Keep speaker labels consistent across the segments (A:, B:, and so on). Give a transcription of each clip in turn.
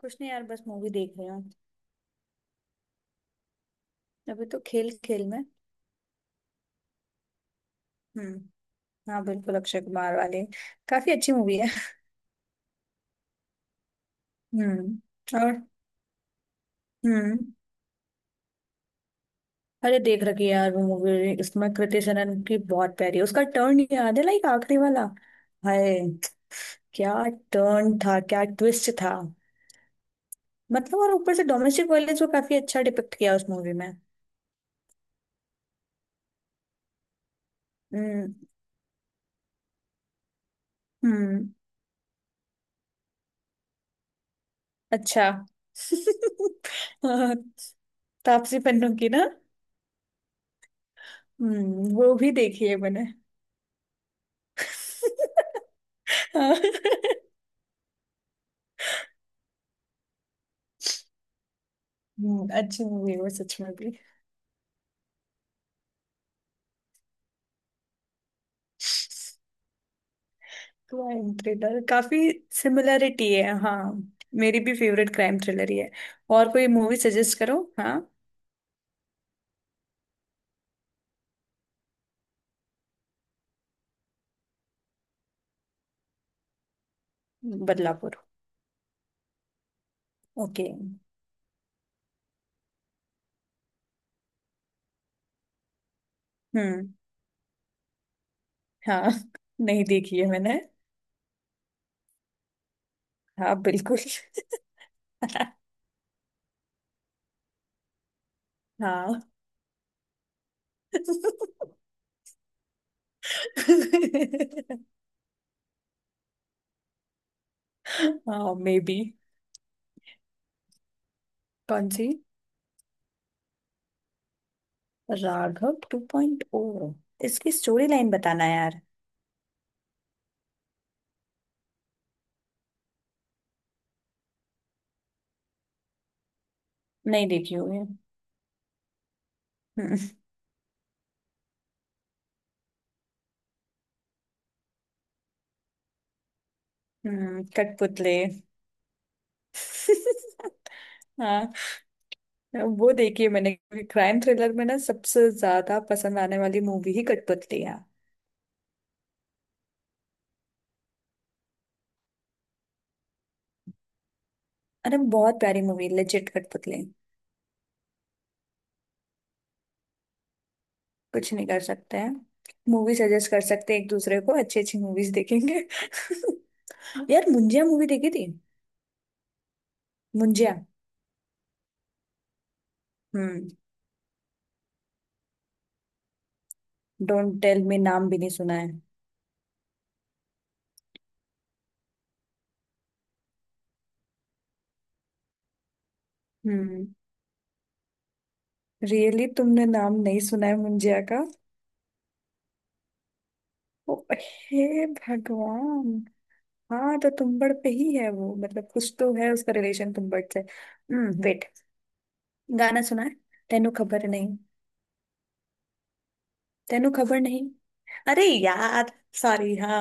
A: कुछ नहीं यार, बस मूवी देख रही हूँ। अभी तो खेल खेल में। हम्म। हाँ, बिल्कुल अक्षय कुमार वाले। काफी अच्छी मूवी है। हम्म। और। हम्म। अरे, देख रखी है यार वो मूवी। इसमें कृति सेनन की बहुत प्यारी है उसका टर्न। याद है लाइक आखिरी वाला? हाय! क्या टर्न था, क्या ट्विस्ट था? मतलब और ऊपर से डोमेस्टिक वायलेंस को काफी अच्छा डिपिक्ट किया उस मूवी में। हम्म। हम्म। अच्छा हाँ, तापसी पन्नू की ना? हम्म, वो भी देखी है मैंने हाँ। अच्छी मूवी है वो सच में भी। क्राइम थ्रिलर काफी सिमिलरिटी है, हाँ। मेरी भी फेवरेट क्राइम थ्रिलर ही है। और कोई मूवी सजेस्ट करो, हाँ। बदलापुर। ओके। हम्म। हाँ, नहीं देखी है मैंने। हाँ बिल्कुल हाँ। हाँ, मे बी। कौन सी? राघव 2.0? इसकी स्टोरी लाइन बताना यार। नहीं देखी हुई है। कठपुतली। हाँ, वो देखी है मैंने। क्राइम थ्रिलर में ना सबसे ज्यादा पसंद आने वाली मूवी ही कठपुतली है। अरे, बहुत प्यारी मूवी लेजिट कठपुतली। कुछ नहीं कर सकते हैं। मूवी सजेस्ट कर सकते हैं एक दूसरे को, अच्छी अच्छी मूवीज देखेंगे यार, मुंजिया मूवी देखी थी? मुंजिया। हम्म। डोंट टेल मी, नाम भी नहीं सुना है। हम्म। रियली, तुमने नाम नहीं सुना है मुंजिया का? ओ हे भगवान। हाँ तो तुम्बड़ पे ही है वो। मतलब कुछ तो है उसका रिलेशन तुम्बड़ से। हम्म, वेट। गाना सुना है? तेनू खबर नहीं। तेनू खबर नहीं। अरे यार। सॉरी, हाँ।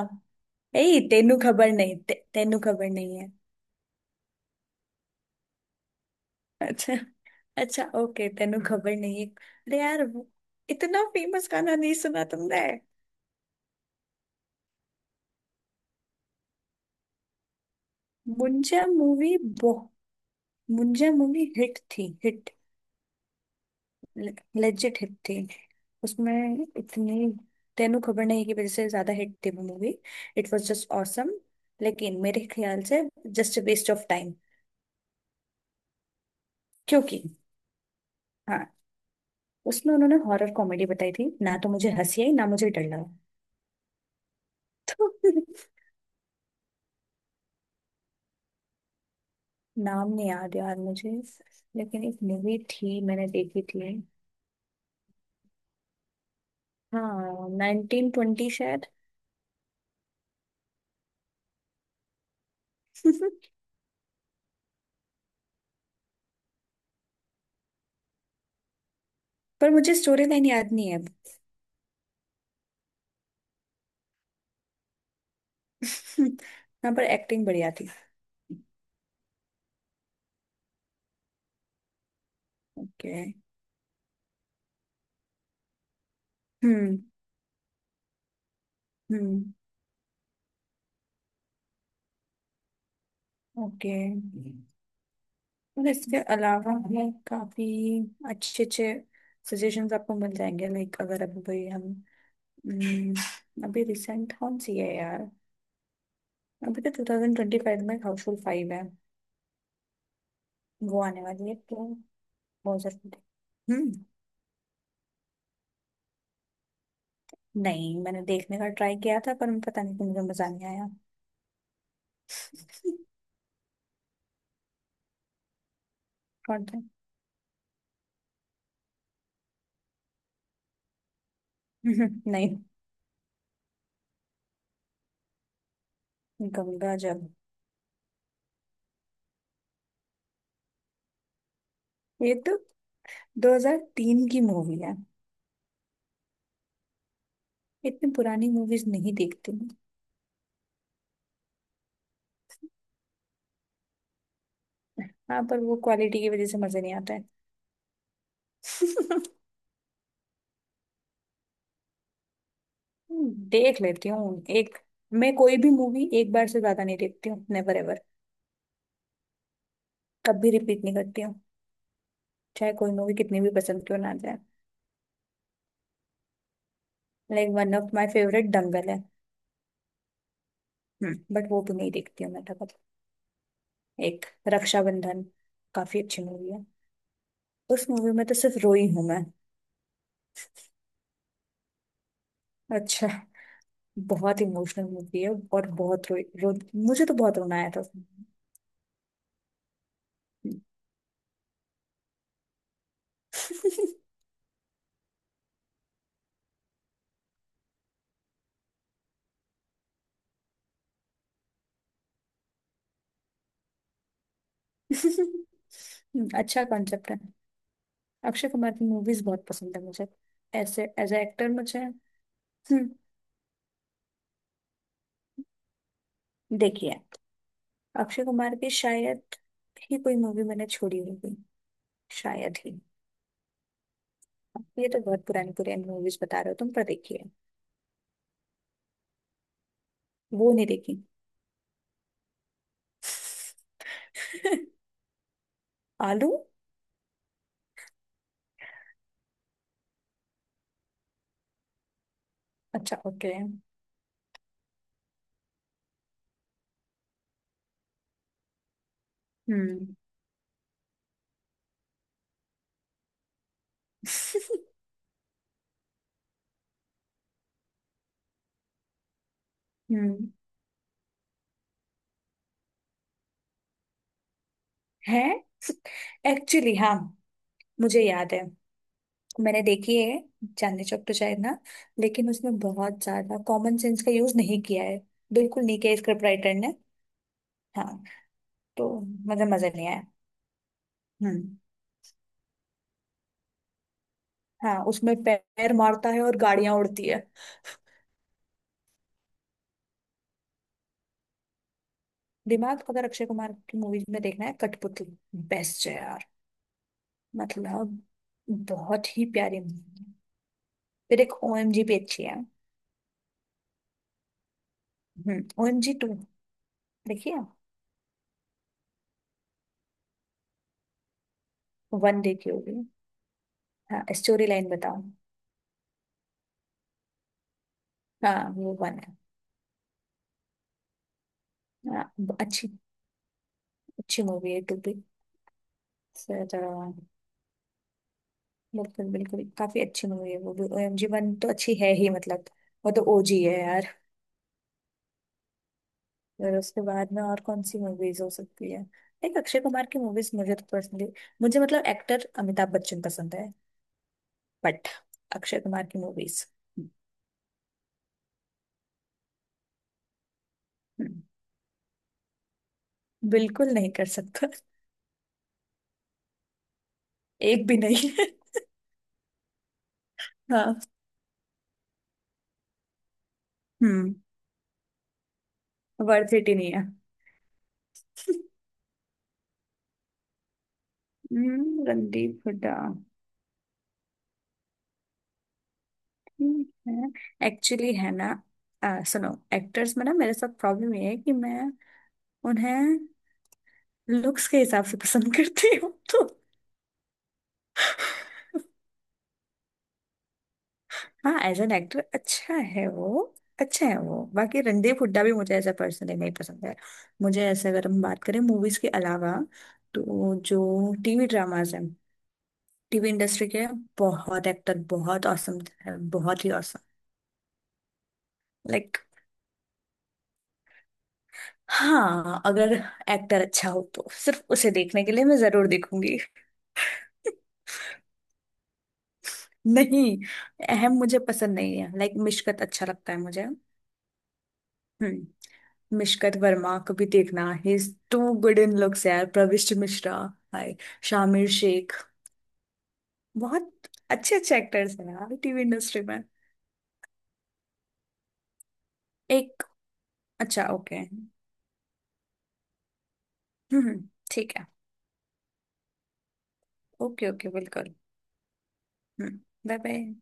A: ए, तेनू खबर नहीं, तेनू खबर नहीं है। अच्छा। अच्छा, ओके, तेनू खबर नहीं है, अरे यार इतना फेमस गाना नहीं सुना तुमने? मुंजा मूवी। बहु मुंजा मूवी हिट थी, हिट। लेजिट हिट थी। उसमें इतनी, तेनू खबर नहीं की वजह से ज्यादा हिट थी वो movie. It was just awesome. लेकिन मेरे ख्याल से जस्ट वेस्ट ऑफ टाइम। क्योंकि, हाँ, उसमें उन्होंने हॉरर कॉमेडी बताई थी ना, तो मुझे हंसी आई ना मुझे डर लगा तो नाम नहीं याद यार मुझे। लेकिन एक मूवी थी मैंने देखी थी। हाँ, 1920 शायद। पर मुझे स्टोरी लाइन याद नहीं है अब। हाँ, पर एक्टिंग बढ़िया थी। ओके। हम्म। हम्म। ओके। और इसके अलावा हमें काफी अच्छे अच्छे सजेशंस आपको मिल जाएंगे, लाइक अगर अभी भाई हम। अभी रिसेंट कौन सी है यार? अभी तो 2025 में हाउसफुल फाइव है, वो आने वाली है तो बहुत जरूरी है। हम्म। नहीं, मैंने देखने का ट्राई किया था पर पता नहीं क्यों मुझे मजा नहीं आया। कौन था? नहीं। गंगा जल? ये तो 2003 की मूवी है। इतनी पुरानी मूवीज नहीं देखती। हाँ, पर वो क्वालिटी की वजह से मजे नहीं आता है। देख लेती हूँ एक। मैं कोई भी मूवी एक बार से ज्यादा नहीं देखती हूँ, नेवर एवर। कभी रिपीट नहीं करती हूँ, चाहे कोई मूवी कितनी भी पसंद क्यों ना आ जाए। Like one of my favourite Dangal है। हम्म, बट वो भी नहीं देखती हूँ मैं तब। एक, रक्षाबंधन काफी अच्छी मूवी है। उस मूवी में तो सिर्फ रोई हूँ मैं। अच्छा, बहुत इमोशनल मूवी है और बहुत रोई रो मुझे तो बहुत रोना आया था उसमें। अच्छा कॉन्सेप्ट है। अक्षय कुमार की मूवीज बहुत पसंद है मुझे, ऐसे एज ए एक्टर मुझे। हम्म। देखिए, अक्षय कुमार की शायद ही कोई मूवी मैंने छोड़ी होगी। शायद ही। ये तो बहुत पुरानी पुरानी मूवीज बता रहे हो तुम, पर देखिए। वो नहीं देखी। आलू। अच्छा, ओके। हम्म। हम्म। है। एक्चुअली हाँ, मुझे याद है। मैंने देखी है चांदनी चौक, तो शायद ना। लेकिन उसमें बहुत ज्यादा कॉमन सेंस का यूज नहीं किया है, बिल्कुल नहीं किया स्क्रिप्ट राइटर ने। हाँ तो मजे मजे नहीं आया। हम्म। हाँ, उसमें पैर मारता है और गाड़ियां उड़ती है। दिमाग अगर अक्षय कुमार की मूवीज में देखना है, कठपुतली बेस्ट है यार। मतलब बहुत ही प्यारी मूवी है। फिर एक, ओएमजी भी अच्छी है। हम्म, ओएमजी टू देखिए। वन देखी होगी। हाँ, स्टोरी लाइन बताओ। हाँ, वो वन है। हाँ, अच्छी। अच्छी मूवी है टू भी। फिर बिल्कुल बिल्कुल काफी अच्छी मूवी है वो भी। ओएमजी वन तो अच्छी है ही, मतलब वो तो ओजी है यार। फिर उसके बाद में और कौन सी मूवीज हो सकती है? एक, अक्षय कुमार की मूवीज मुझे तो पर्सनली। मुझे, मतलब एक्टर अमिताभ बच्चन पसंद है, बट अक्षय कुमार की मूवीज। बिल्कुल नहीं कर सकता एक भी नहीं हाँ। हम्म। वर्थ इट ही नहीं है रणदीप हुड्डा। ठीक है, एक्चुअली है ना। सुनो, एक्टर्स में ना मेरे साथ प्रॉब्लम ये है कि मैं उन्हें लुक्स के हिसाब से पसंद करती हूँ तो। हाँ, एज एन एक्टर अच्छा है वो। अच्छा है वो, बाकी रणदीप हुड्डा भी मुझे एज अ पर्सनली नहीं पसंद है। मुझे ऐसे अगर हम बात करें मूवीज के अलावा, तो जो टीवी ड्रामाज हैं, टीवी इंडस्ट्री के बहुत एक्टर बहुत औसम है, बहुत ही औसम। लाइक, हाँ, अगर एक्टर अच्छा हो तो सिर्फ उसे देखने के लिए मैं जरूर देखूंगी। नहीं, अहम मुझे पसंद नहीं है, लाइक मिशकत अच्छा लगता है मुझे। हम्म। मिशकत वर्मा को भी देखना ही, is too good in looks यार। प्रविष्ट मिश्रा, हाय। शामिर शेख। बहुत अच्छे अच्छे एक्टर्स हैं यार टीवी इंडस्ट्री में। एक। अच्छा, ओके। हम्म। ठीक है। ओके ओके, बिल्कुल। हम्म। Bye bye.